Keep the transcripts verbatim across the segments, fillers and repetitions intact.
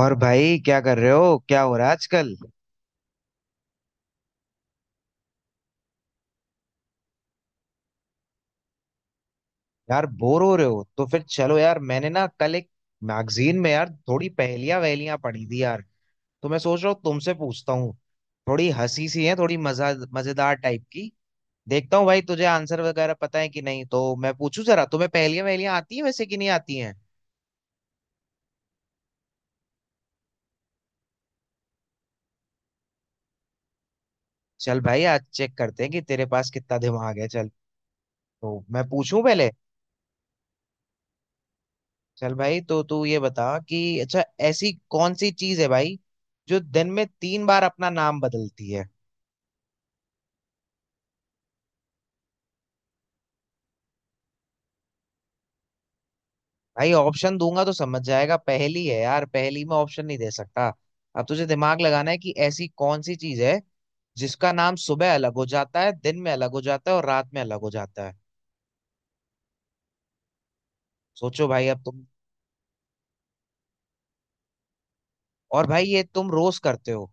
और भाई क्या कर रहे हो? क्या हो रहा है आजकल? यार बोर हो रहे हो तो फिर चलो, यार मैंने ना कल एक मैगजीन में यार थोड़ी पहेलियां वहेलियां पढ़ी थी यार। तो मैं सोच रहा हूँ तुमसे पूछता हूँ। थोड़ी हंसी सी है, थोड़ी मजा मजेदार टाइप की। देखता हूँ भाई तुझे आंसर वगैरह पता है कि नहीं, तो मैं पूछूं जरा तुम्हें। पहेलियां वहेलियां आती हैं वैसे कि नहीं आती हैं? चल भाई आज चेक करते हैं कि तेरे पास कितना दिमाग है। चल तो मैं पूछूं पहले। चल भाई, तो तू ये बता कि अच्छा, ऐसी कौन सी चीज है भाई जो दिन में तीन बार अपना नाम बदलती है? भाई ऑप्शन दूंगा तो समझ जाएगा, पहेली है यार, पहेली में ऑप्शन नहीं दे सकता। अब तुझे दिमाग लगाना है कि ऐसी कौन सी चीज है जिसका नाम सुबह अलग हो जाता है, दिन में अलग हो जाता है और रात में अलग हो जाता है। सोचो भाई अब तुम। और भाई ये तुम रोज करते हो।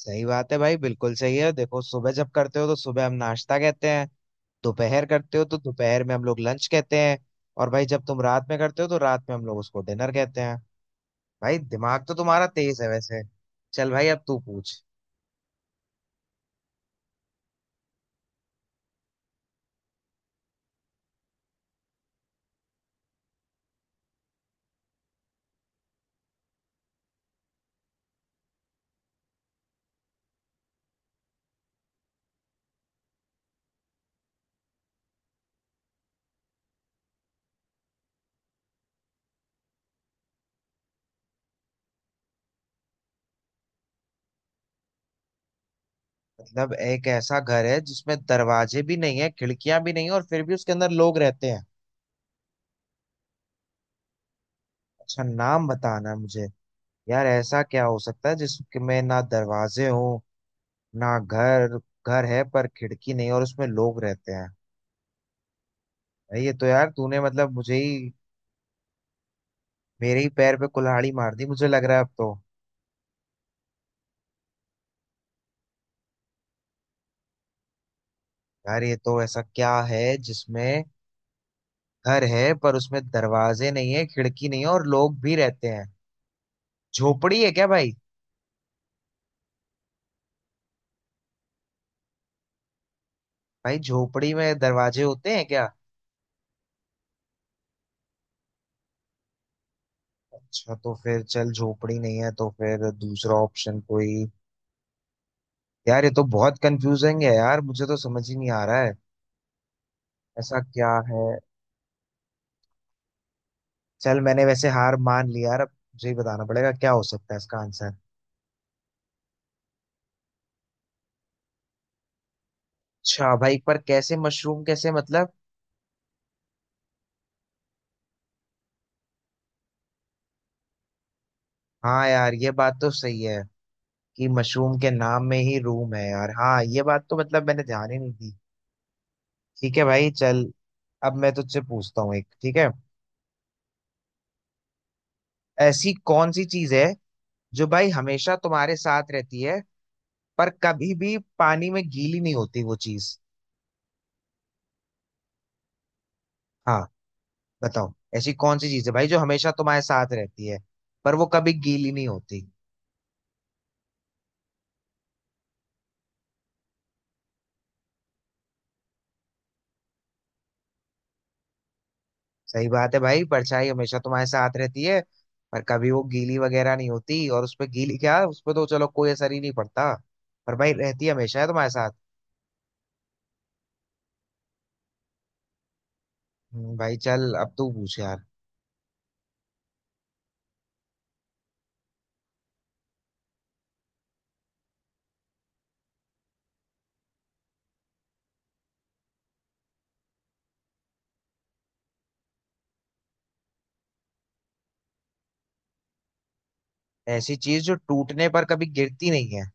सही बात है भाई, बिल्कुल सही है। देखो सुबह जब करते हो तो सुबह हम नाश्ता कहते हैं, दोपहर करते हो तो दोपहर में हम लोग लंच कहते हैं, और भाई जब तुम रात में करते हो तो रात में हम लोग उसको डिनर कहते हैं। भाई दिमाग तो तुम्हारा तेज है वैसे। चल भाई अब तू पूछ। मतलब एक ऐसा घर है जिसमें दरवाजे भी नहीं है, खिड़कियां भी नहीं है और फिर भी उसके अंदर लोग रहते हैं? अच्छा नाम बताना है मुझे। यार ऐसा क्या हो सकता है जिसमें ना दरवाजे हो ना घर। घर है पर खिड़की नहीं और उसमें लोग रहते हैं। भाई ये तो यार तूने मतलब मुझे ही, मेरे ही पैर पे कुल्हाड़ी मार दी मुझे लग रहा है अब तो। यार ये तो ऐसा क्या है जिसमें घर है पर उसमें दरवाजे नहीं है, खिड़की नहीं है और लोग भी रहते हैं। झोपड़ी है क्या भाई? भाई झोपड़ी में दरवाजे होते हैं क्या? अच्छा तो फिर चल झोपड़ी नहीं है तो फिर दूसरा ऑप्शन कोई। यार ये तो बहुत कंफ्यूजिंग है यार, मुझे तो समझ ही नहीं आ रहा है ऐसा क्या है। चल मैंने वैसे हार मान लिया यार, अब मुझे ही बताना पड़ेगा क्या हो सकता है इसका आंसर। अच्छा भाई, पर कैसे? मशरूम कैसे मतलब? हाँ यार ये बात तो सही है कि मशरूम के नाम में ही रूम है यार। हाँ ये बात तो मतलब मैंने ध्यान ही नहीं दी। ठीक है भाई चल, अब मैं तुझसे पूछता हूँ एक, ठीक है? ऐसी कौन सी चीज है जो भाई हमेशा तुम्हारे साथ रहती है पर कभी भी पानी में गीली नहीं होती वो चीज? हाँ बताओ, ऐसी कौन सी चीज है भाई जो हमेशा तुम्हारे साथ रहती है पर वो कभी गीली नहीं होती? सही बात है भाई, परछाई हमेशा तुम्हारे साथ रहती है पर कभी वो गीली वगैरह नहीं होती, और उस पे गीली क्या, उस पे तो चलो कोई असर ही नहीं पड़ता। पर भाई रहती हमेशा है तुम्हारे साथ। हम्म। भाई चल अब तू पूछ यार। ऐसी चीज जो टूटने पर कभी गिरती नहीं है?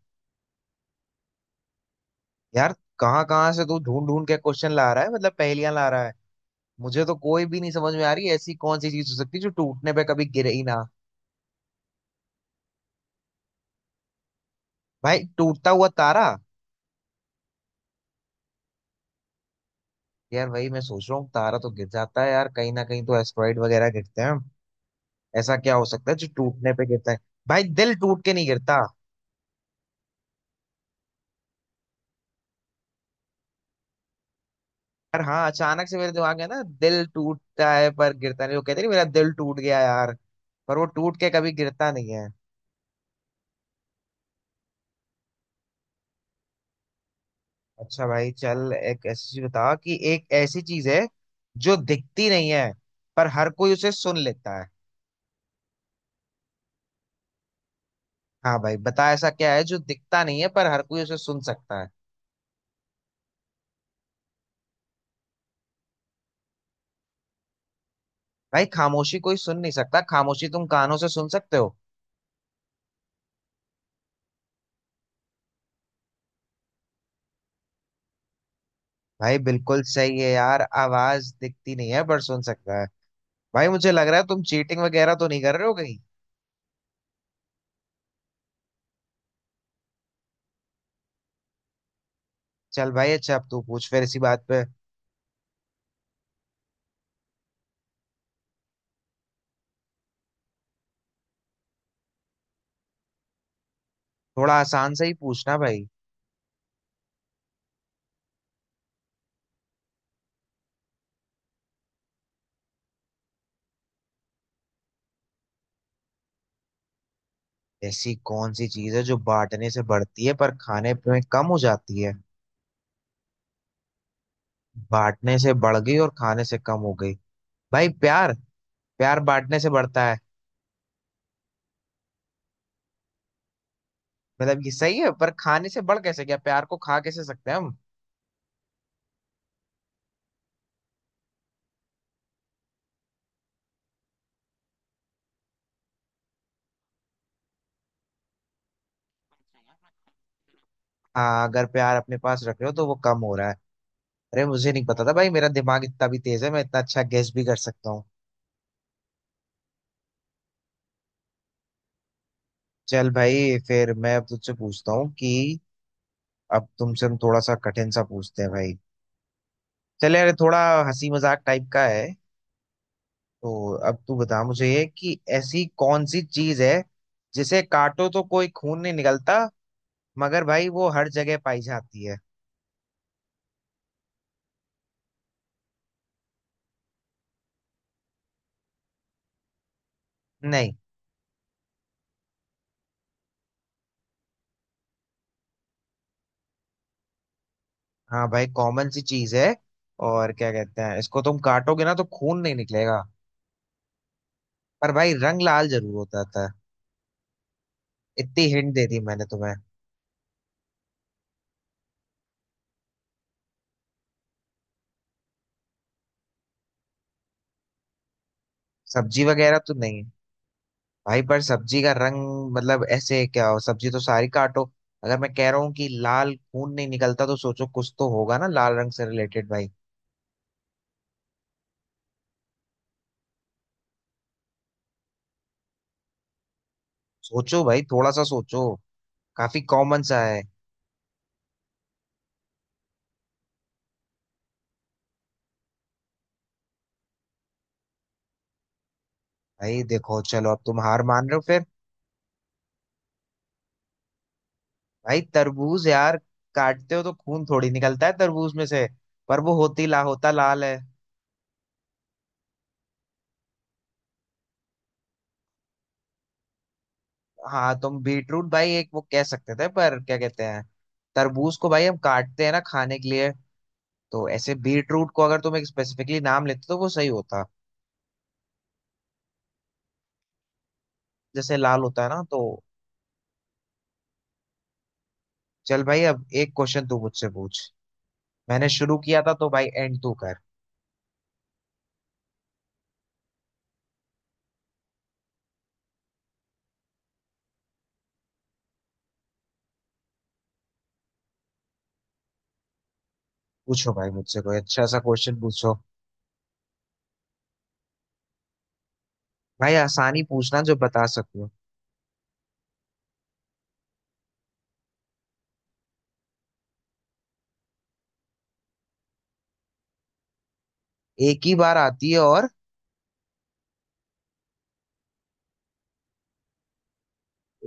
यार कहाँ कहाँ से तू ढूंढ ढूंढ के क्वेश्चन ला रहा है, मतलब पहेलियां ला रहा है। मुझे तो कोई भी नहीं समझ में आ रही, ऐसी कौन सी चीज हो सकती है जो टूटने पर कभी गिरे ही ना। भाई टूटता हुआ तारा? यार वही मैं सोच रहा हूँ, तारा तो गिर जाता है यार कहीं ना कहीं, तो एस्टेरॉइड वगैरह गिरते हैं। ऐसा क्या हो सकता है जो टूटने पे गिरता है? भाई दिल टूट के नहीं गिरता। यार हाँ अचानक से मेरे दिमाग में ना, दिल टूटता है पर गिरता नहीं, वो कहते नहीं मेरा दिल टूट गया यार, पर वो टूट के कभी गिरता नहीं है। अच्छा भाई चल, एक ऐसी चीज बता, कि एक ऐसी चीज है जो दिखती नहीं है पर हर कोई उसे सुन लेता है। हाँ भाई बता, ऐसा क्या है जो दिखता नहीं है पर हर कोई उसे सुन सकता है? भाई खामोशी कोई सुन नहीं सकता, खामोशी तुम कानों से सुन सकते हो। भाई बिल्कुल सही है यार, आवाज दिखती नहीं है पर सुन सकता है। भाई मुझे लग रहा है तुम चीटिंग वगैरह तो नहीं कर रहे हो कहीं। चल भाई अच्छा, अब तू पूछ फिर इसी बात पे। थोड़ा आसान से ही पूछना भाई। ऐसी कौन सी चीज है जो बांटने से बढ़ती है पर खाने में कम हो जाती है? बांटने से बढ़ गई और खाने से कम हो गई। भाई प्यार। प्यार बांटने से बढ़ता है। मतलब ये सही है, पर खाने से बढ़ कैसे गया, प्यार को खा कैसे सकते हैं हम? हाँ अगर प्यार अपने पास रख रहे हो तो वो कम हो रहा है। अरे मुझे नहीं पता था भाई मेरा दिमाग इतना भी तेज है, मैं इतना अच्छा गेस भी कर सकता हूँ। चल भाई फिर मैं अब तुझसे पूछता हूँ कि, अब तुमसे हम थोड़ा सा कठिन सा पूछते हैं भाई। चले, अरे थोड़ा हंसी मजाक टाइप का है। तो अब तू बता मुझे कि ऐसी कौन सी चीज है जिसे काटो तो कोई खून नहीं निकलता मगर भाई वो हर जगह पाई जाती है? नहीं। हाँ भाई कॉमन सी चीज है, और क्या कहते हैं इसको, तुम काटोगे ना तो खून नहीं निकलेगा पर भाई रंग लाल जरूर हो जाता है। इतनी हिंट दे दी मैंने तुम्हें। सब्जी वगैरह तो नहीं। भाई पर सब्जी का रंग, मतलब ऐसे क्या हो, सब्जी तो सारी काटो। अगर मैं कह रहा हूँ कि लाल खून नहीं निकलता तो सोचो, कुछ तो होगा ना लाल रंग से रिलेटेड भाई। सोचो भाई, थोड़ा सा सोचो, काफी कॉमन सा है। भाई देखो, चलो अब तुम हार मान रहे हो फिर। भाई तरबूज यार। काटते हो तो खून थोड़ी निकलता है तरबूज में से, पर वो होती ला होता लाल है। हाँ तुम बीटरूट भाई एक वो कह सकते थे, पर क्या कहते हैं, तरबूज को भाई हम काटते हैं ना खाने के लिए। तो ऐसे बीटरूट को अगर तुम एक स्पेसिफिकली नाम लेते तो वो सही होता। जैसे लाल होता है ना तो। चल भाई अब एक क्वेश्चन तू मुझसे पूछ। मैंने शुरू किया था तो भाई एंड तू कर। पूछो भाई मुझसे कोई अच्छा सा क्वेश्चन पूछो। भाई आसानी पूछना जो बता सको। एक ही बार आती है और,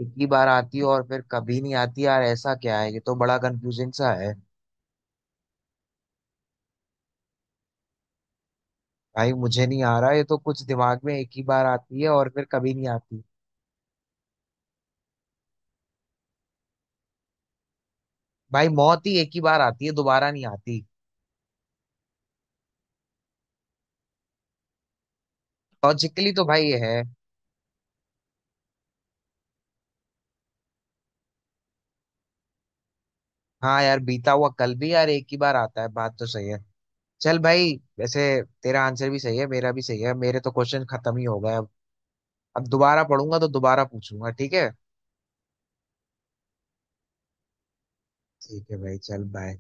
एक ही बार आती है और फिर कभी नहीं आती यार ऐसा क्या है, ये तो बड़ा कंफ्यूजिंग सा है। भाई मुझे नहीं आ रहा ये तो कुछ दिमाग में, एक ही बार आती है और फिर कभी नहीं आती। भाई मौत ही एक ही बार आती है दोबारा नहीं आती। लॉजिकली तो भाई ये है। हाँ यार बीता हुआ कल भी यार एक ही बार आता है, बात तो सही है। चल भाई। वैसे तेरा आंसर भी सही है मेरा भी सही है। मेरे तो क्वेश्चन खत्म ही हो गए अब। अब दोबारा पढ़ूंगा तो दोबारा पूछूंगा, ठीक है? ठीक है भाई, चल बाय।